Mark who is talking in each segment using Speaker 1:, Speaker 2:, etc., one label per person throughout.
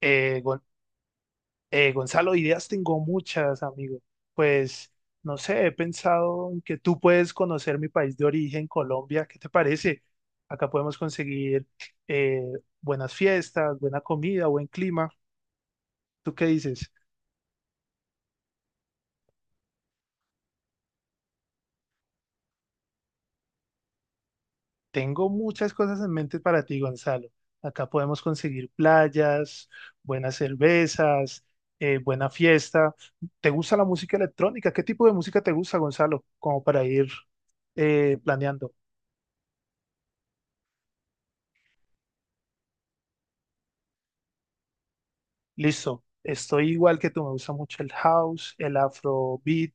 Speaker 1: Eh, Gon- Gonzalo, ideas tengo muchas, amigo. Pues, no sé, he pensado en que tú puedes conocer mi país de origen, Colombia. ¿Qué te parece? Acá podemos conseguir eh, buenas fiestas, buena comida, buen clima. ¿Tú qué dices? Tengo muchas cosas en mente para ti, Gonzalo. Acá podemos conseguir playas, buenas cervezas, buena fiesta. ¿Te gusta la música electrónica? ¿Qué tipo de música te gusta, Gonzalo? Como para ir planeando. Listo, estoy igual que tú, me gusta mucho el house, el afrobeat,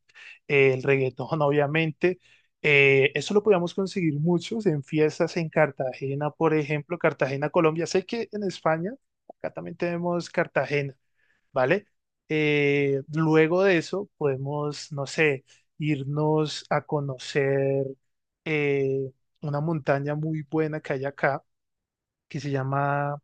Speaker 1: el reggaetón, obviamente. Eso lo podíamos conseguir muchos en fiestas en Cartagena, por ejemplo, Cartagena, Colombia. Sé que en España, acá también tenemos Cartagena, ¿vale? Luego de eso podemos, no sé, irnos a conocer eh, una montaña muy buena que hay acá, que se llama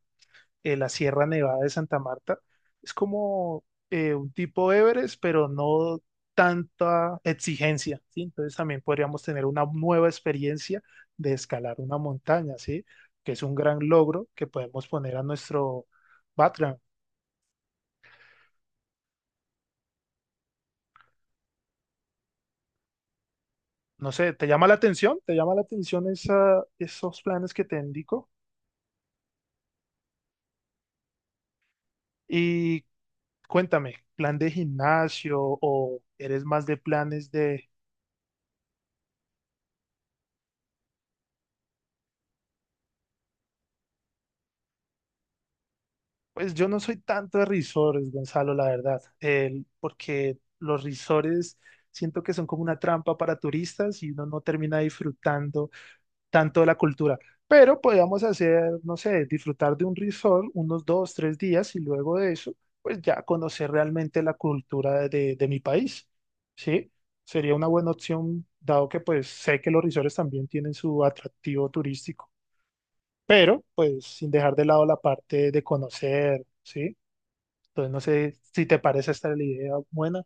Speaker 1: la Sierra Nevada de Santa Marta. Es como un tipo Everest, pero no tanta exigencia, ¿sí? Entonces también podríamos tener una nueva experiencia de escalar una montaña, ¿sí? Que es un gran logro que podemos poner a nuestro background. No sé, ¿te llama la atención? ¿Te llama la atención esa, esos planes que te indico? Y cuéntame, ¿plan de gimnasio o eres más de planes de? Pues yo no soy tanto de risores, Gonzalo, la verdad, porque los risores siento que son como una trampa para turistas y uno no termina disfrutando tanto de la cultura. Pero podríamos hacer, no sé, disfrutar de un resort unos dos, tres días y luego de eso, pues ya conocer realmente la cultura de mi país, ¿sí? Sería una buena opción, dado que pues sé que los risores también tienen su atractivo turístico, pero pues sin dejar de lado la parte de conocer, ¿sí? Entonces, no sé si te parece esta la idea buena.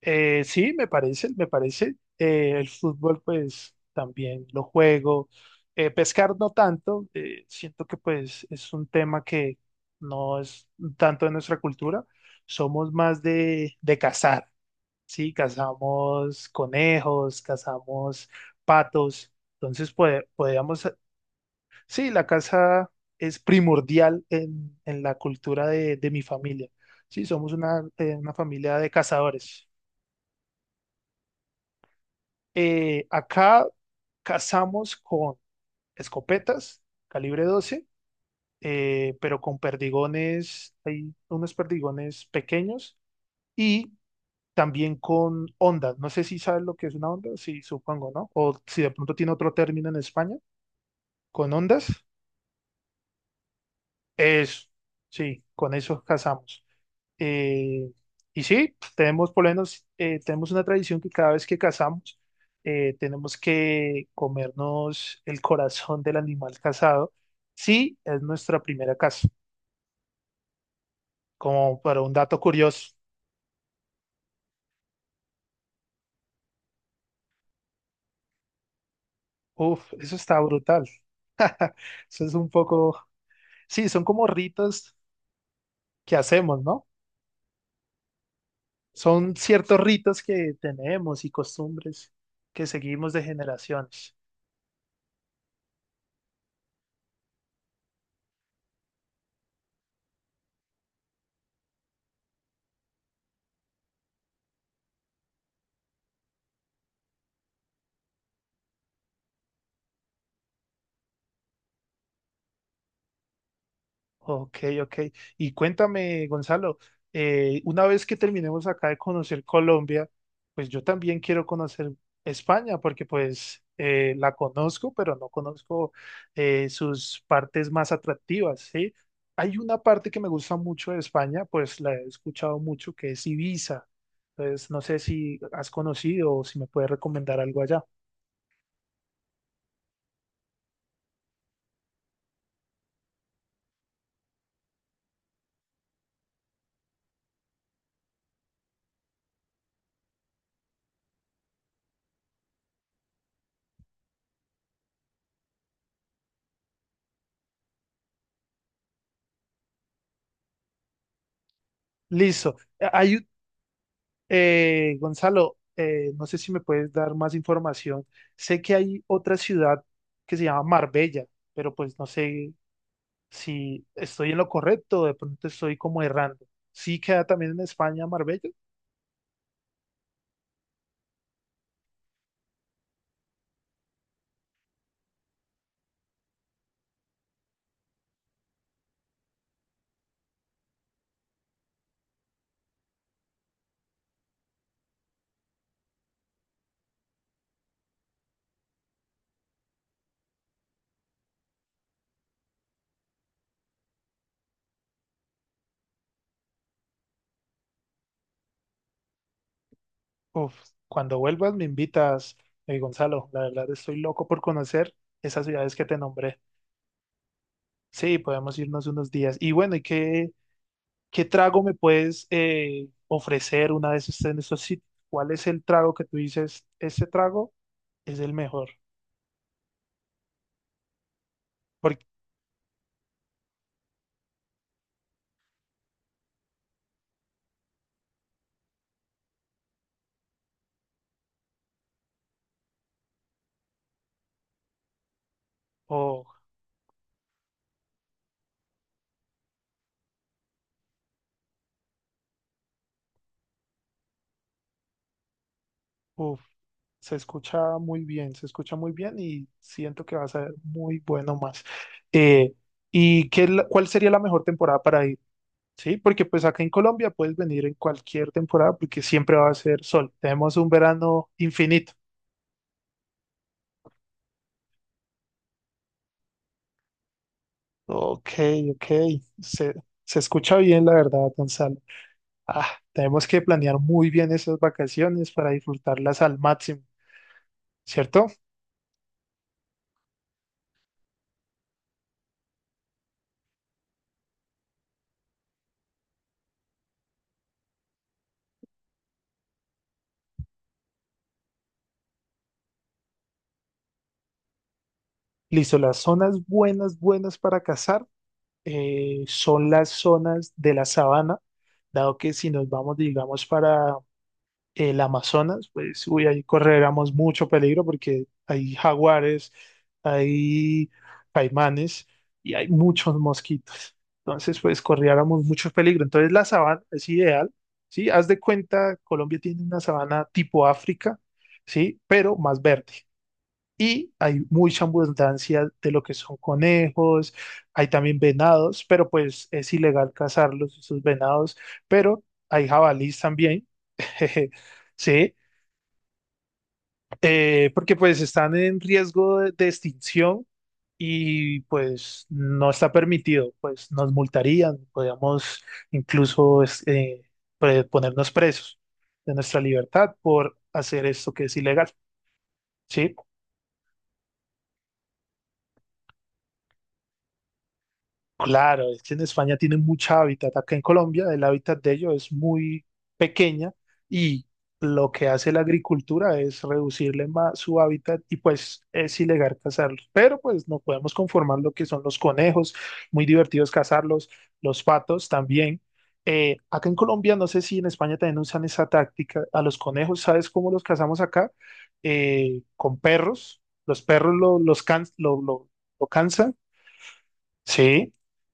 Speaker 1: Sí, me parece. El fútbol, pues, también lo juego. Pescar no tanto. Siento que, pues, es un tema que no es tanto de nuestra cultura. Somos más de cazar, ¿sí? Cazamos conejos, cazamos patos. Entonces, pues, podríamos. Sí, la casa es primordial en la cultura de mi familia. Sí, somos una familia de cazadores. Acá cazamos con escopetas, calibre 12, pero con perdigones, hay unos perdigones pequeños y también con ondas. No sé si sabes lo que es una onda, sí, supongo, ¿no? O si de pronto tiene otro término en España, con ondas. Eso, sí, con eso cazamos. Eh, y sí, tenemos por lo menos tenemos una tradición que cada vez que cazamos tenemos que comernos el corazón del animal cazado. Sí, es nuestra primera caza. Como para un dato curioso. Uf, eso está brutal. Eso es un poco. Sí, son como ritos que hacemos, ¿no? Son ciertos ritos que tenemos y costumbres que seguimos de generaciones. Ok, ok. Y cuéntame, Gonzalo, una vez que terminemos acá de conocer Colombia, pues yo también quiero conocer España, porque pues la conozco, pero no conozco sus partes más atractivas, ¿sí? Hay una parte que me gusta mucho de España, pues la he escuchado mucho, que es Ibiza. Entonces, no sé si has conocido o si me puedes recomendar algo allá. Listo. Hay, Gonzalo, no sé si me puedes dar más información. Sé que hay otra ciudad que se llama Marbella, pero pues no sé si estoy en lo correcto o de pronto estoy como errando. ¿Sí queda también en España Marbella? Uf, cuando vuelvas me invitas, Gonzalo. La verdad estoy loco por conocer esas ciudades que te nombré. Sí, podemos irnos unos días. Y bueno, ¿y qué trago me puedes ofrecer una vez estés en estos sitios? ¿Cuál es el trago que tú dices, este trago es el mejor? Porque, oh, uf, se escucha muy bien, se escucha muy bien y siento que va a ser muy bueno más. Eh, ¿Y qué, cuál sería la mejor temporada para ir? Sí, porque pues acá en Colombia puedes venir en cualquier temporada porque siempre va a ser sol. Tenemos un verano infinito. Ok, ok. Se, Se escucha bien, la verdad, Gonzalo. Ah, tenemos que planear muy bien esas vacaciones para disfrutarlas al máximo, ¿cierto? Listo, las zonas buenas para cazar. Son las zonas de la sabana, dado que si nos vamos, digamos, para el Amazonas, pues uy, ahí correríamos mucho peligro porque hay jaguares, hay caimanes y hay muchos mosquitos. Entonces, pues corriéramos mucho peligro. Entonces, la sabana es ideal, ¿sí? Haz de cuenta, Colombia tiene una sabana tipo África, ¿sí? Pero más verde y hay mucha abundancia de lo que son conejos, hay también venados, pero pues es ilegal cazarlos, esos venados, pero hay jabalís también, jeje, sí, porque pues están en riesgo de extinción y pues no está permitido, pues nos multarían, podríamos incluso pues, ponernos presos de nuestra libertad por hacer esto que es ilegal, sí. Claro, es que en España tienen mucha hábitat. Acá en Colombia el hábitat de ellos es muy pequeña y lo que hace la agricultura es reducirle más su hábitat y pues es ilegal cazarlos. Pero pues no podemos conformar lo que son los conejos, muy divertidos cazarlos, los patos también. Acá en Colombia, no sé si en España también usan esa táctica. A los conejos, ¿sabes cómo los cazamos acá? Con perros. Los perros lo- los, can- lo cansan. Sí,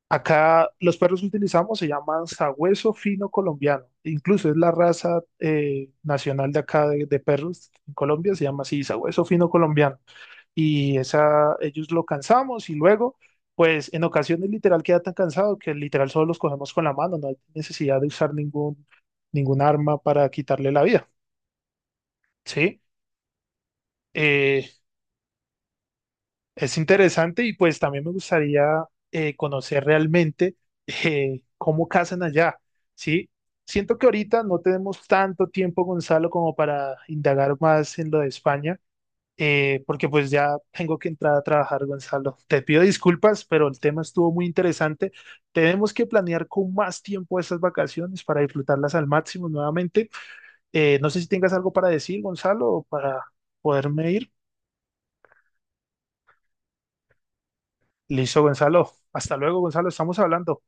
Speaker 1: acá los perros que utilizamos se llaman sabueso fino colombiano. Incluso es la raza nacional de acá de perros en Colombia, se llama así, sabueso fino colombiano. Y esa, ellos lo cansamos y luego, pues en ocasiones literal queda tan cansado que literal solo los cogemos con la mano, no hay necesidad de usar ningún, ningún arma para quitarle la vida. Sí, eh, es interesante y pues también me gustaría conocer realmente cómo cazan allá, ¿sí? Siento que ahorita no tenemos tanto tiempo, Gonzalo, como para indagar más en lo de España, porque pues ya tengo que entrar a trabajar, Gonzalo. Te pido disculpas, pero el tema estuvo muy interesante. Tenemos que planear con más tiempo estas vacaciones para disfrutarlas al máximo nuevamente. No sé si tengas algo para decir, Gonzalo, o para poderme ir. Listo, Gonzalo. Hasta luego, Gonzalo. Estamos hablando.